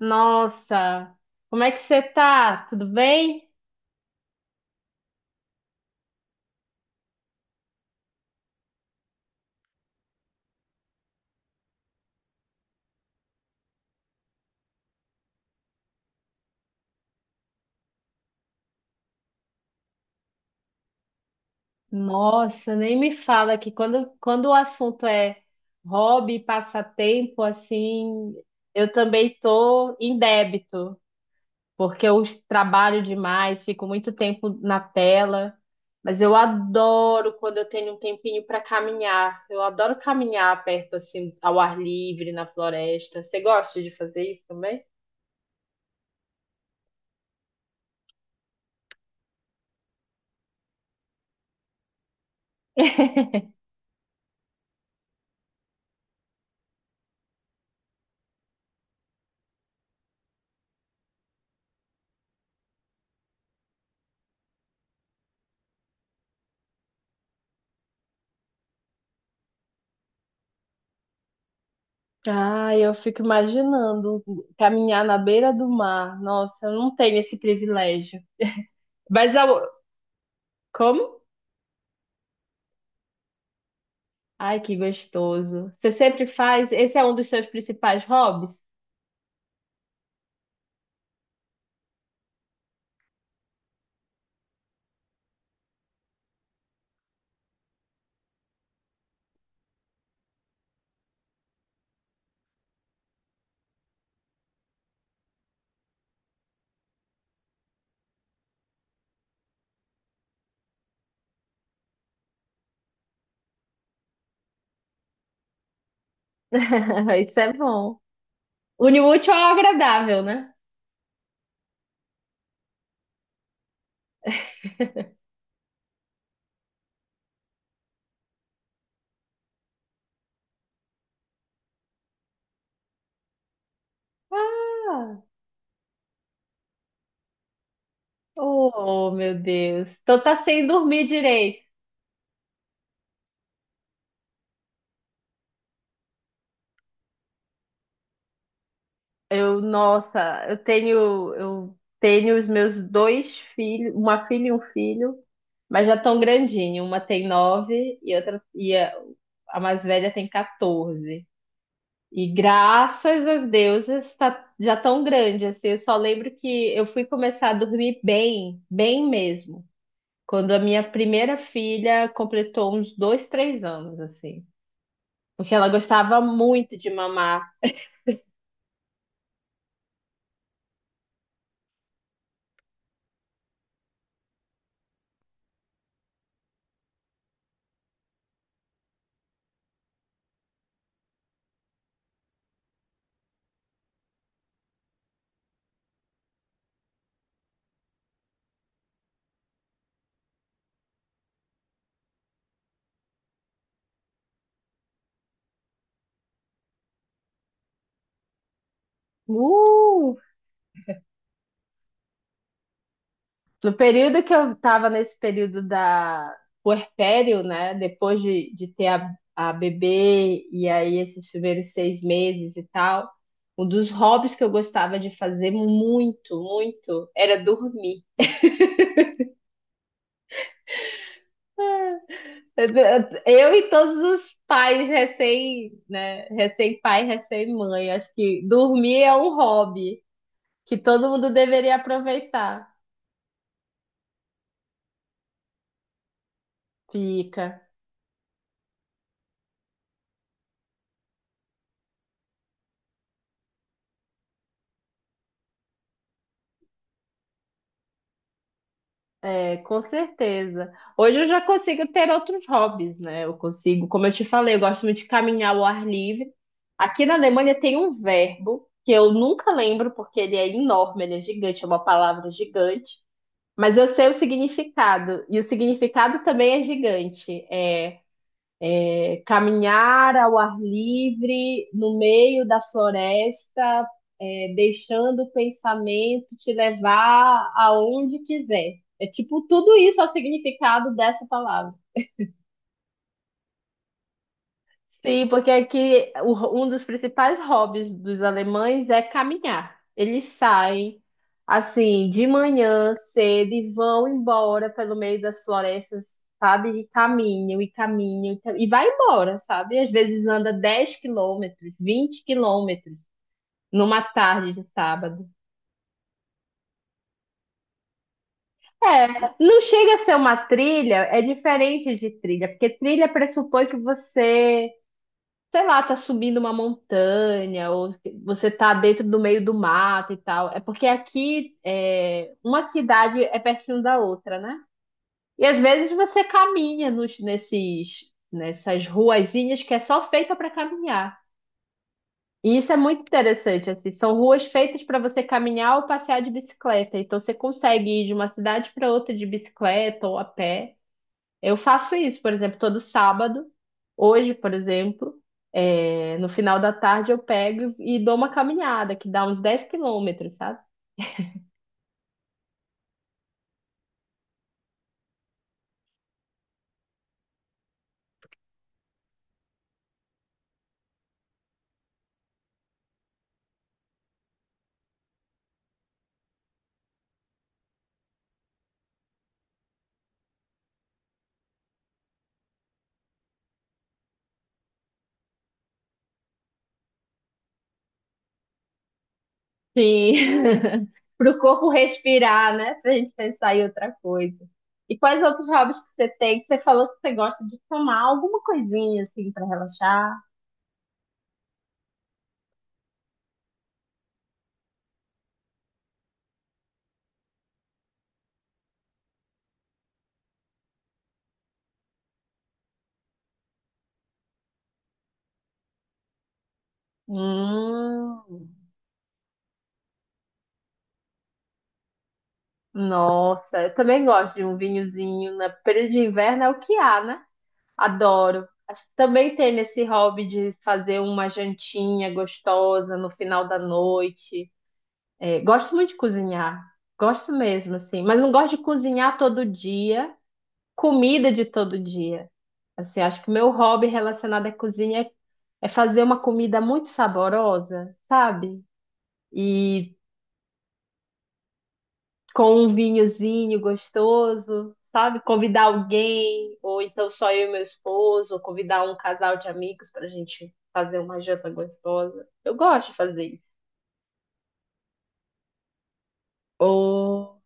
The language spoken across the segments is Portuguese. Nossa, como é que você tá? Tudo bem? Nossa, nem me fala que quando o assunto é hobby, passatempo, assim, eu também tô em débito, porque eu trabalho demais, fico muito tempo na tela, mas eu adoro quando eu tenho um tempinho para caminhar. Eu adoro caminhar perto, assim, ao ar livre, na floresta. Você gosta de fazer isso também? Ah, eu fico imaginando caminhar na beira do mar. Nossa, eu não tenho esse privilégio. Mas eu... Como? Ai, que gostoso. Você sempre faz? Esse é um dos seus principais hobbies? Isso é bom. Une o útil ao agradável, né? Ah, oh, meu Deus. Então tá sem dormir direito. Nossa, eu tenho os meus dois filhos, uma filha e um filho. Mas já tão grandinho. Uma tem nove e outra e a mais velha tem 14. E graças às deusas tá já tão grande assim. Eu só lembro que eu fui começar a dormir bem, bem mesmo, quando a minha primeira filha completou uns 2, 3 anos assim, porque ela gostava muito de mamar. Uh! No período que eu estava nesse período da puerpério, né? Depois de ter a bebê e aí esses primeiros 6 meses e tal, um dos hobbies que eu gostava de fazer muito, muito, era dormir. Eu e todos os pais recém, né? Recém-pai, recém-mãe. Acho que dormir é um hobby que todo mundo deveria aproveitar. Fica. É, com certeza. Hoje eu já consigo ter outros hobbies, né? Eu consigo, como eu te falei, eu gosto muito de caminhar ao ar livre. Aqui na Alemanha tem um verbo que eu nunca lembro porque ele é enorme, ele é gigante, é uma palavra gigante, mas eu sei o significado, e o significado também é gigante. É, caminhar ao ar livre, no meio da floresta, é, deixando o pensamento te levar aonde quiser. É tipo tudo isso é o significado dessa palavra. Sim, porque aqui um dos principais hobbies dos alemães é caminhar. Eles saem assim de manhã cedo e vão embora pelo meio das florestas, sabe? E caminham e caminham e e vai embora, sabe? Às vezes anda 10 km, 20 km numa tarde de sábado. É, não chega a ser uma trilha, é diferente de trilha, porque trilha pressupõe que você sei lá, tá subindo uma montanha, ou você tá dentro do meio do mato e tal. É porque aqui é, uma cidade é pertinho da outra, né? E às vezes você caminha nessas ruazinhas que é só feita para caminhar. E isso é muito interessante, assim, são ruas feitas para você caminhar ou passear de bicicleta. Então você consegue ir de uma cidade para outra de bicicleta ou a pé. Eu faço isso, por exemplo, todo sábado. Hoje, por exemplo, no final da tarde eu pego e dou uma caminhada, que dá uns 10 km, sabe? Sim. Para o corpo respirar, né? Para a gente pensar em outra coisa. E quais outros hobbies que você tem? Que você falou que você gosta de tomar alguma coisinha assim para relaxar? Hum, Nossa, eu também gosto de um vinhozinho. Na período de inverno é o que há, né? Adoro. Também tenho esse hobby de fazer uma jantinha gostosa no final da noite. É, gosto muito de cozinhar. Gosto mesmo, assim. Mas não gosto de cozinhar todo dia, comida de todo dia. Assim, acho que o meu hobby relacionado à cozinha é fazer uma comida muito saborosa, sabe? E com um vinhozinho gostoso, sabe? Convidar alguém, ou então só eu e meu esposo, ou convidar um casal de amigos para a gente fazer uma janta gostosa. Eu gosto de fazer isso. Ou,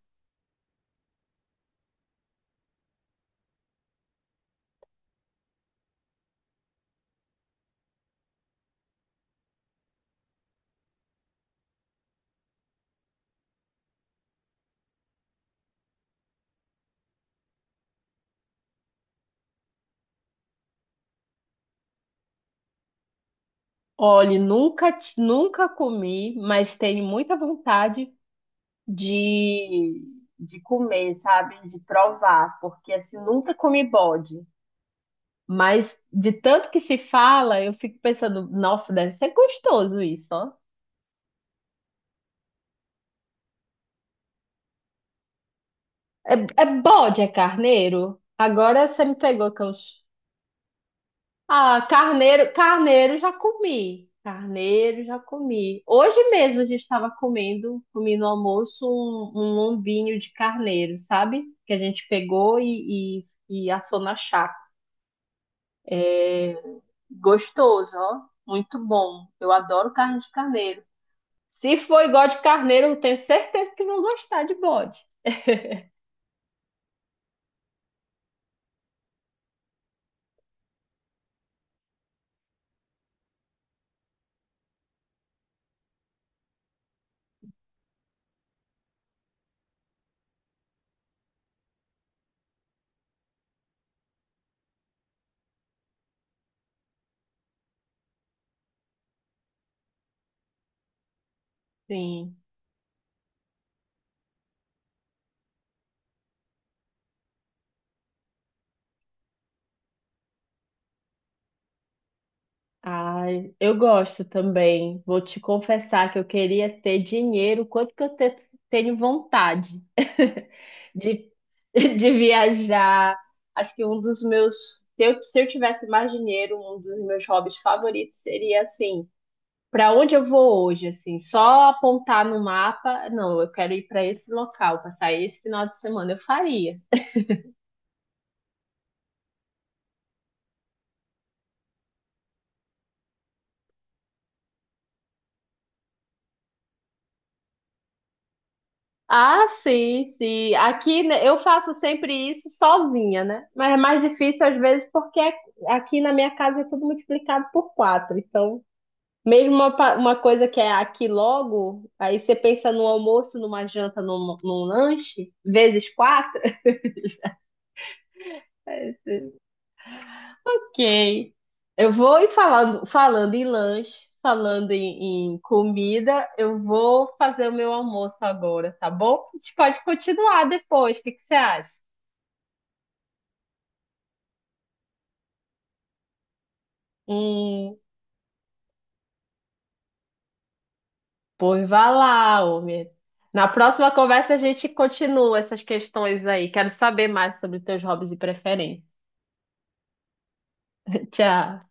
olha, nunca comi, mas tenho muita vontade de, de comer, sabe? De provar, porque assim, nunca comi bode. Mas de tanto que se fala, eu fico pensando, nossa, deve ser gostoso isso, ó. É bode, é carneiro? Agora você me pegou que eu. Ah, carneiro, carneiro já comi. Carneiro já comi. Hoje mesmo a gente estava comendo, comi no almoço um lombinho de carneiro, sabe? Que a gente pegou e assou na chapa. É gostoso, ó. Muito bom. Eu adoro carne de carneiro. Se for igual de carneiro, eu tenho certeza que vão gostar de bode. Sim. Ai, eu gosto também. Vou te confessar que eu queria ter dinheiro, quanto que eu tenho vontade de, de viajar. Acho que um dos meus, se eu tivesse mais dinheiro, um dos meus hobbies favoritos seria assim, para onde eu vou hoje, assim, só apontar no mapa, não, eu quero ir para esse local, passar esse final de semana, eu faria. Ah, sim, sim. Aqui né, eu faço sempre isso sozinha, né? Mas é mais difícil às vezes porque é, aqui na minha casa é tudo multiplicado por quatro. Então, mesmo uma coisa que é aqui logo, aí você pensa no almoço, numa janta, num lanche, vezes quatro. Ok. Eu vou e Falando, falando em lanche, falando em comida, eu vou fazer o meu almoço agora, tá bom? A gente pode continuar depois. O que que você acha? Hum. Pois vá lá, homem. Na próxima conversa a gente continua essas questões aí. Quero saber mais sobre teus hobbies e preferências. Tchau.